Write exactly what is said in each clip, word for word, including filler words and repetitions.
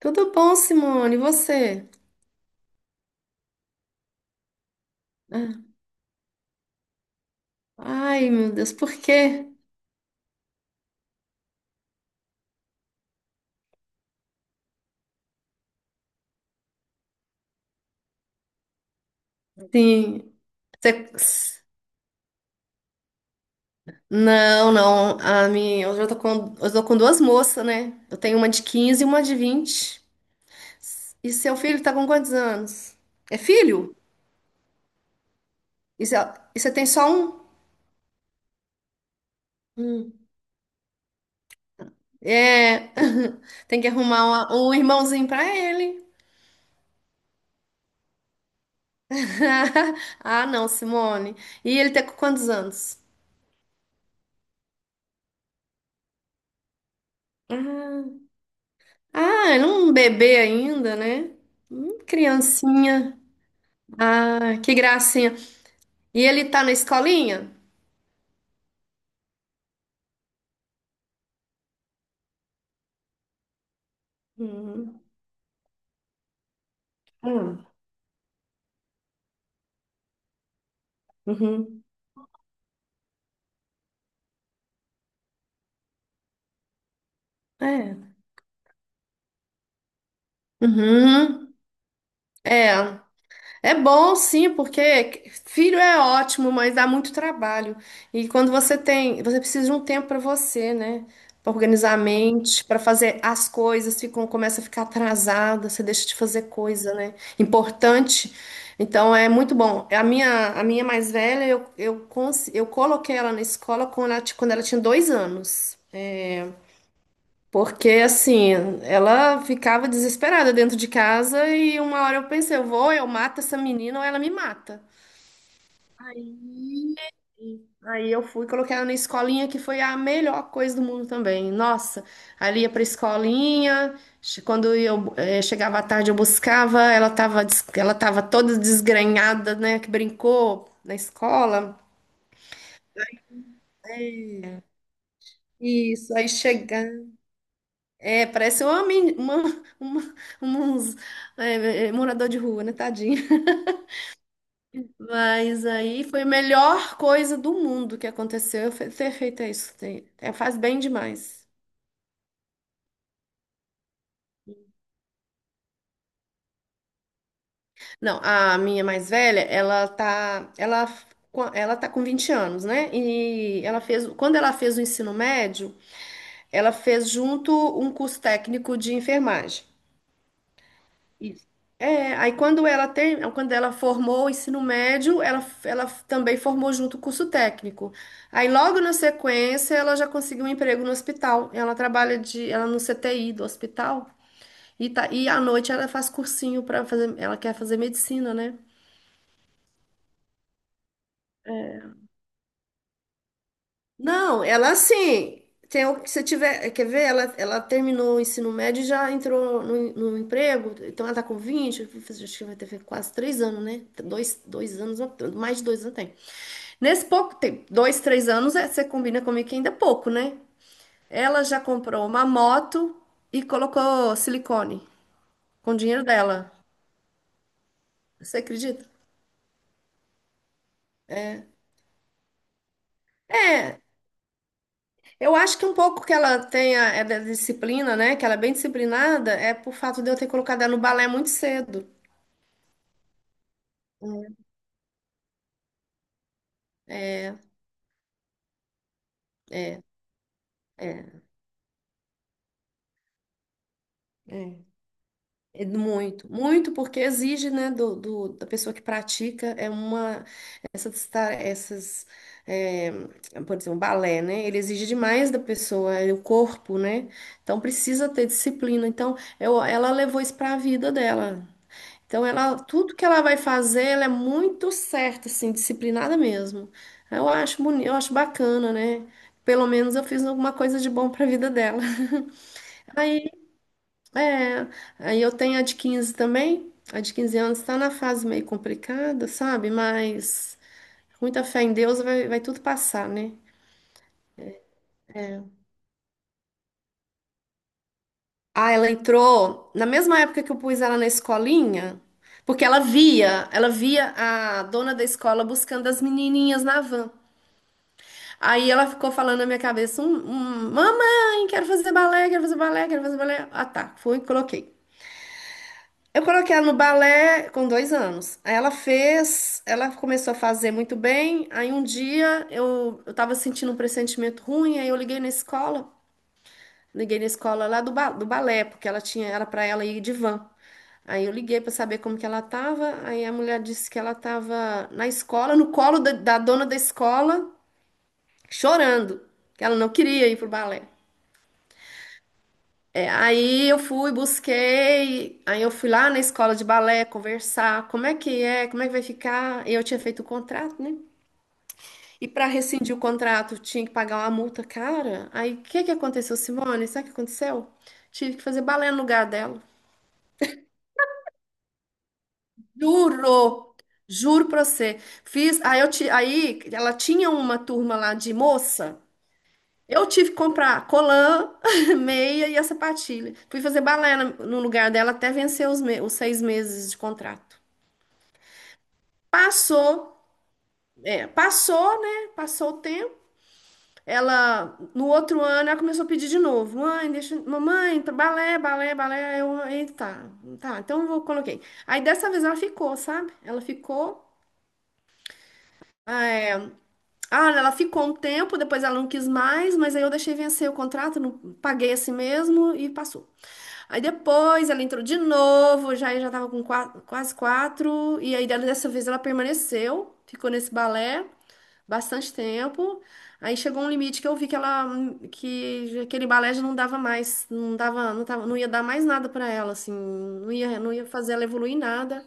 Tudo bom, Simone? E você? Ah, ai, meu Deus, por quê? Sim. Você- Não, não. A minha... Hoje eu tô com... eu tô com duas moças, né? Eu tenho uma de quinze e uma de vinte. E seu filho tá com quantos anos? É filho? E você e você tem só um? Hum. É. Tem que arrumar uma- um irmãozinho pra ele. Ah, não, Simone. E ele tem com quantos anos? Ah. Ah, era um bebê ainda, né? Hum, criancinha. Ah, que gracinha. E ele tá na escolinha? Uhum. Ah, uhum. É. Uhum. É. É bom, sim, porque filho é ótimo, mas dá muito trabalho. E quando você tem, você precisa de um tempo para você, né? Para organizar a mente, para fazer as coisas, ficam, começa a ficar atrasada, você deixa de fazer coisa, né? Importante. Então é muito bom. A minha, a minha mais velha, eu, eu, cons- eu coloquei ela na escola quando ela, ti- quando ela tinha dois anos. É, porque assim, ela ficava desesperada dentro de casa e uma hora eu pensei, eu vou, eu mato essa menina ou ela me mata. Aí eu fui, coloquei ela na escolinha, que foi a melhor coisa do mundo também. Nossa, ali ia pra escolinha, che- quando eu eh, chegava à tarde eu buscava, ela tava, des- ela tava toda desgrenhada, né, que brincou na escola. É. Isso, aí chegar. É, parece uma, men- uma, uma, uns, é, é, morador de rua, né, tadinho. Mas aí foi a melhor coisa do mundo que aconteceu foi ter feito isso. Tem- é, Faz bem demais. Não, a minha mais velha, ela tá, ela, ela tá com vinte anos, né? E ela fez, quando ela fez o ensino médio, ela fez junto um curso técnico de enfermagem. Isso. É, aí quando ela tem, quando ela formou o ensino médio, ela, ela também formou junto o curso técnico. Aí logo na sequência, ela já conseguiu um emprego no hospital. Ela trabalha de, ela no C T I do hospital e tá, e à noite ela faz cursinho para fazer, ela quer fazer medicina, né? Não, ela assim, tem o que você tiver, quer ver? Ela, ela terminou o ensino médio e já entrou no, no emprego, então ela tá com vinte. Acho que vai ter quase três anos, né? Dois, dois anos, mais de dois anos tem. Nesse pouco tempo, dois, três anos, é, você combina comigo que ainda é pouco, né? Ela já comprou uma moto e colocou silicone com o dinheiro dela. Você acredita? É, eu acho que um pouco que ela tenha é da disciplina, né? Que ela é bem disciplinada, é por fato de eu ter colocado ela no balé muito cedo. É, é, é. É muito, muito, porque exige, né, do, do- da pessoa que pratica, é uma, essas, ta- essas é, por exemplo, balé, né, ele exige demais da pessoa, é o corpo, né, então precisa ter disciplina, então eu, ela levou isso para a vida dela, então ela, tudo que ela vai fazer, ela é muito certa, assim, disciplinada mesmo, eu acho bonito, eu acho bacana, né, pelo menos eu fiz alguma coisa de bom para a vida dela. É, aí eu tenho a de quinze também. A de quinze anos está na fase meio complicada, sabe? Mas com muita fé em Deus vai, vai tudo passar, né? Ah, ela entrou na mesma época que eu pus ela na escolinha, porque ela via, ela via a dona da escola buscando as menininhas na van. Aí ela ficou falando na minha cabeça, um, um, mamãe, quero fazer balé, quero fazer balé, quero fazer balé. Ah, tá, fui e coloquei. Eu coloquei ela no balé com dois anos. Aí ela fez, ela começou a fazer muito bem. Aí um dia eu, eu tava sentindo um pressentimento ruim, aí eu liguei na escola, liguei na escola lá do, ba- do balé, porque ela tinha, era para ela ir de van. Aí eu liguei para saber como que ela tava. Aí a mulher disse que ela tava na escola, no colo da, da dona da escola, chorando, que ela não queria ir pro balé. É, aí eu fui, busquei, aí eu fui lá na escola de balé conversar, como é que é, como é que vai ficar? Eu tinha feito o contrato, né? E para rescindir o contrato, tinha que pagar uma multa cara. Aí o que que aconteceu, Simone? Sabe o que aconteceu? Tive que fazer balé no lugar dela. Juro, juro pra você. Fiz, aí eu ti, aí ela tinha uma turma lá de moça. Eu tive que comprar colã, meia e a sapatilha. Fui fazer balé na- no lugar dela até vencer os, me- os seis meses de contrato. Passou, é, passou, né? Passou o tempo. Ela, no outro ano, ela começou a pedir de novo. Mãe, deixa, mamãe, tá balé, balé, balé. Aí Eu, eita, tá, tá, então eu vou- coloquei. Aí dessa vez ela ficou, sabe? Ela ficou. é, ah, Ela ficou um tempo, depois ela não quis mais, mas aí eu deixei vencer o contrato, não, paguei assim mesmo e passou. Aí depois ela entrou de novo, já já tava com qua- quase quatro, e aí dela- dessa vez ela permaneceu, ficou nesse balé bastante tempo. Aí chegou um limite que eu vi que ela que aquele balé já não dava mais, não dava, não tava, não ia dar mais nada pra ela, assim, não ia, não ia fazer ela evoluir em nada.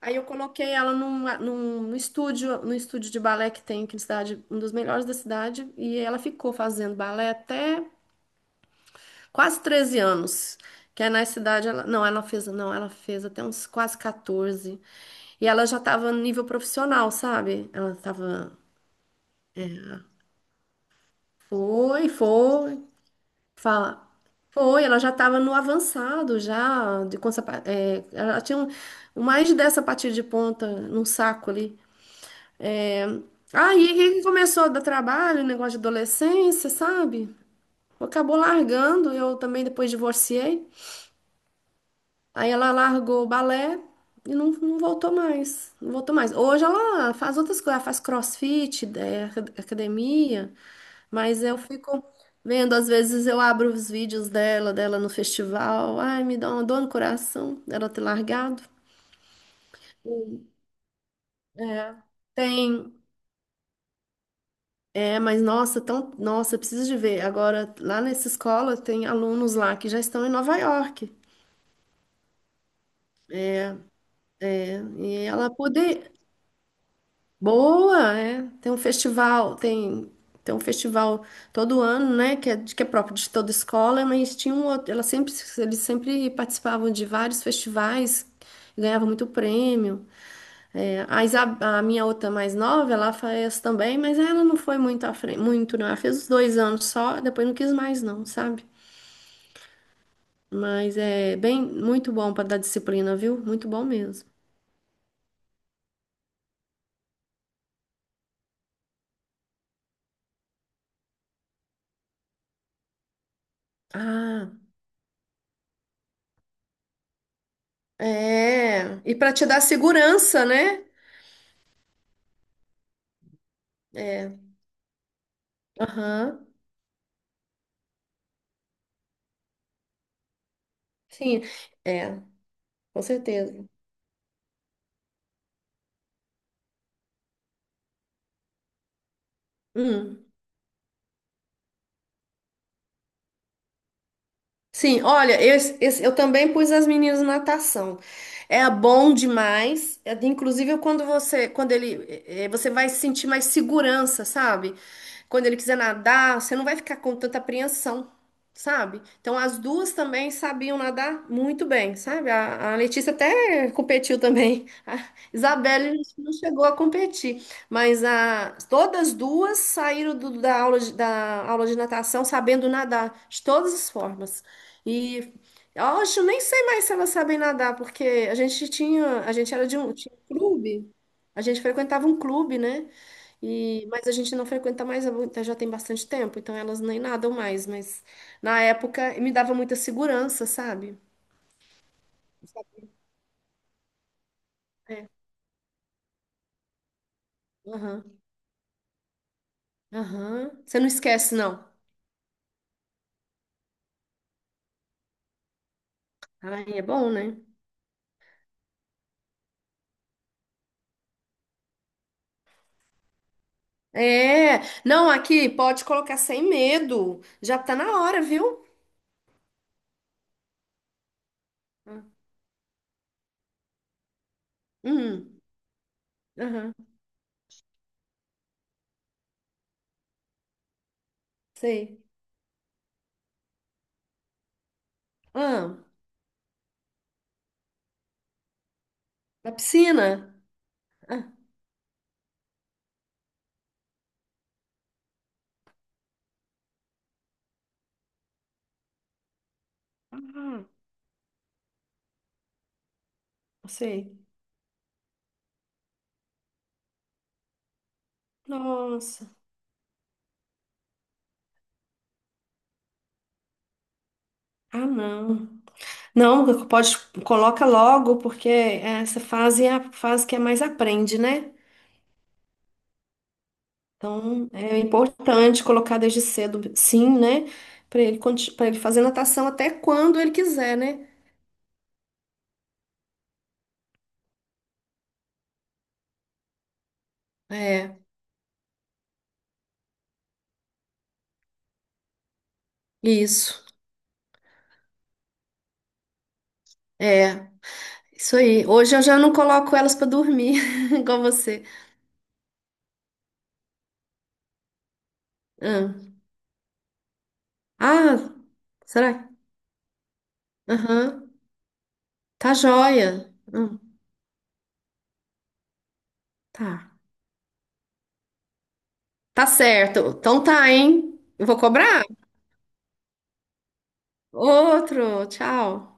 Aí eu coloquei ela num, num estúdio, num estúdio de balé que tem aqui na cidade, um dos melhores da cidade, e ela ficou fazendo balé até quase treze anos. Que é na cidade, ela, não, ela fez, não, ela fez até uns quase quatorze. E ela já tava no nível profissional, sabe? Ela tava, foi, foi, fala, foi, ela já tava no avançado, já, de, com, sapa- é, ela tinha um, um, mais de dez sapatilhas de ponta num saco ali. Aí que começou a dar trabalho, negócio de adolescência, sabe? Acabou largando, eu também depois divorciei. Aí ela largou o balé e não, não voltou mais. Não voltou mais. Hoje ela faz outras coisas, ela faz crossfit, é, aca- academia, mas eu fico vendo, às vezes eu abro os vídeos dela, dela no festival. Ai, me dá uma dor no coração dela ter largado. É. Tem, é, mas nossa, tão, nossa, eu preciso de ver. Agora, lá nessa escola tem alunos lá que já estão em Nova York. E ela poder, boa, é. Tem um festival, tem, tem um festival todo ano, né? Que é, de- que é próprio de toda escola, mas tinha um outro, ela sempre, eles sempre participavam de vários festivais, ganhavam muito prêmio. É, a, Isa- a minha outra mais nova, ela fez também, mas ela não foi muito à frente, muito, não. Ela fez os dois anos só, depois não quis mais, não, sabe? Mas é bem, muito bom para dar disciplina, viu? Muito bom mesmo. Ah, é. E para te dar segurança, né? É. Aham, sim, é, com certeza. Hum. Sim, olha, eu, esse- eu também pus as meninas na natação. É bom demais. É, inclusive, quando você, quando ele, é, é, você vai sentir mais segurança, sabe? Quando ele quiser nadar, você não vai ficar com tanta apreensão, sabe? Então, as duas também sabiam nadar muito bem, sabe? A, a Letícia até competiu também. A Isabelle não chegou a competir, mas a, todas duas saíram do- da aula de, da aula de natação sabendo nadar de todas as formas. E hoje eu nem sei mais se elas sabem nadar, porque a gente tinha, a gente era de um, tinha um clube, a gente frequentava um clube, né? E, mas a gente não frequenta mais há muito- já tem bastante tempo, então elas nem nadam mais, mas na época me dava muita segurança, sabe? É, aham, aham. Você não esquece, não. Ai, é bom, né? É, não, aqui pode colocar sem medo. Já tá na hora, viu? Ah, hum, aham, sei. Ah, na piscina? Ah, ah, sei. Nossa. Ah, não. Não, pode, coloca logo, porque essa fase é a fase que é mais aprende, né? Então, é importante colocar desde cedo, sim, né? Para ele, para ele fazer natação até quando ele quiser, né? É, isso. É, isso aí. Hoje eu já não coloco elas para dormir, igual você. Ah, ah, será? Aham. Tá joia. Hum, tá. Tá certo. Então tá, hein? Eu vou cobrar. Outro. Tchau.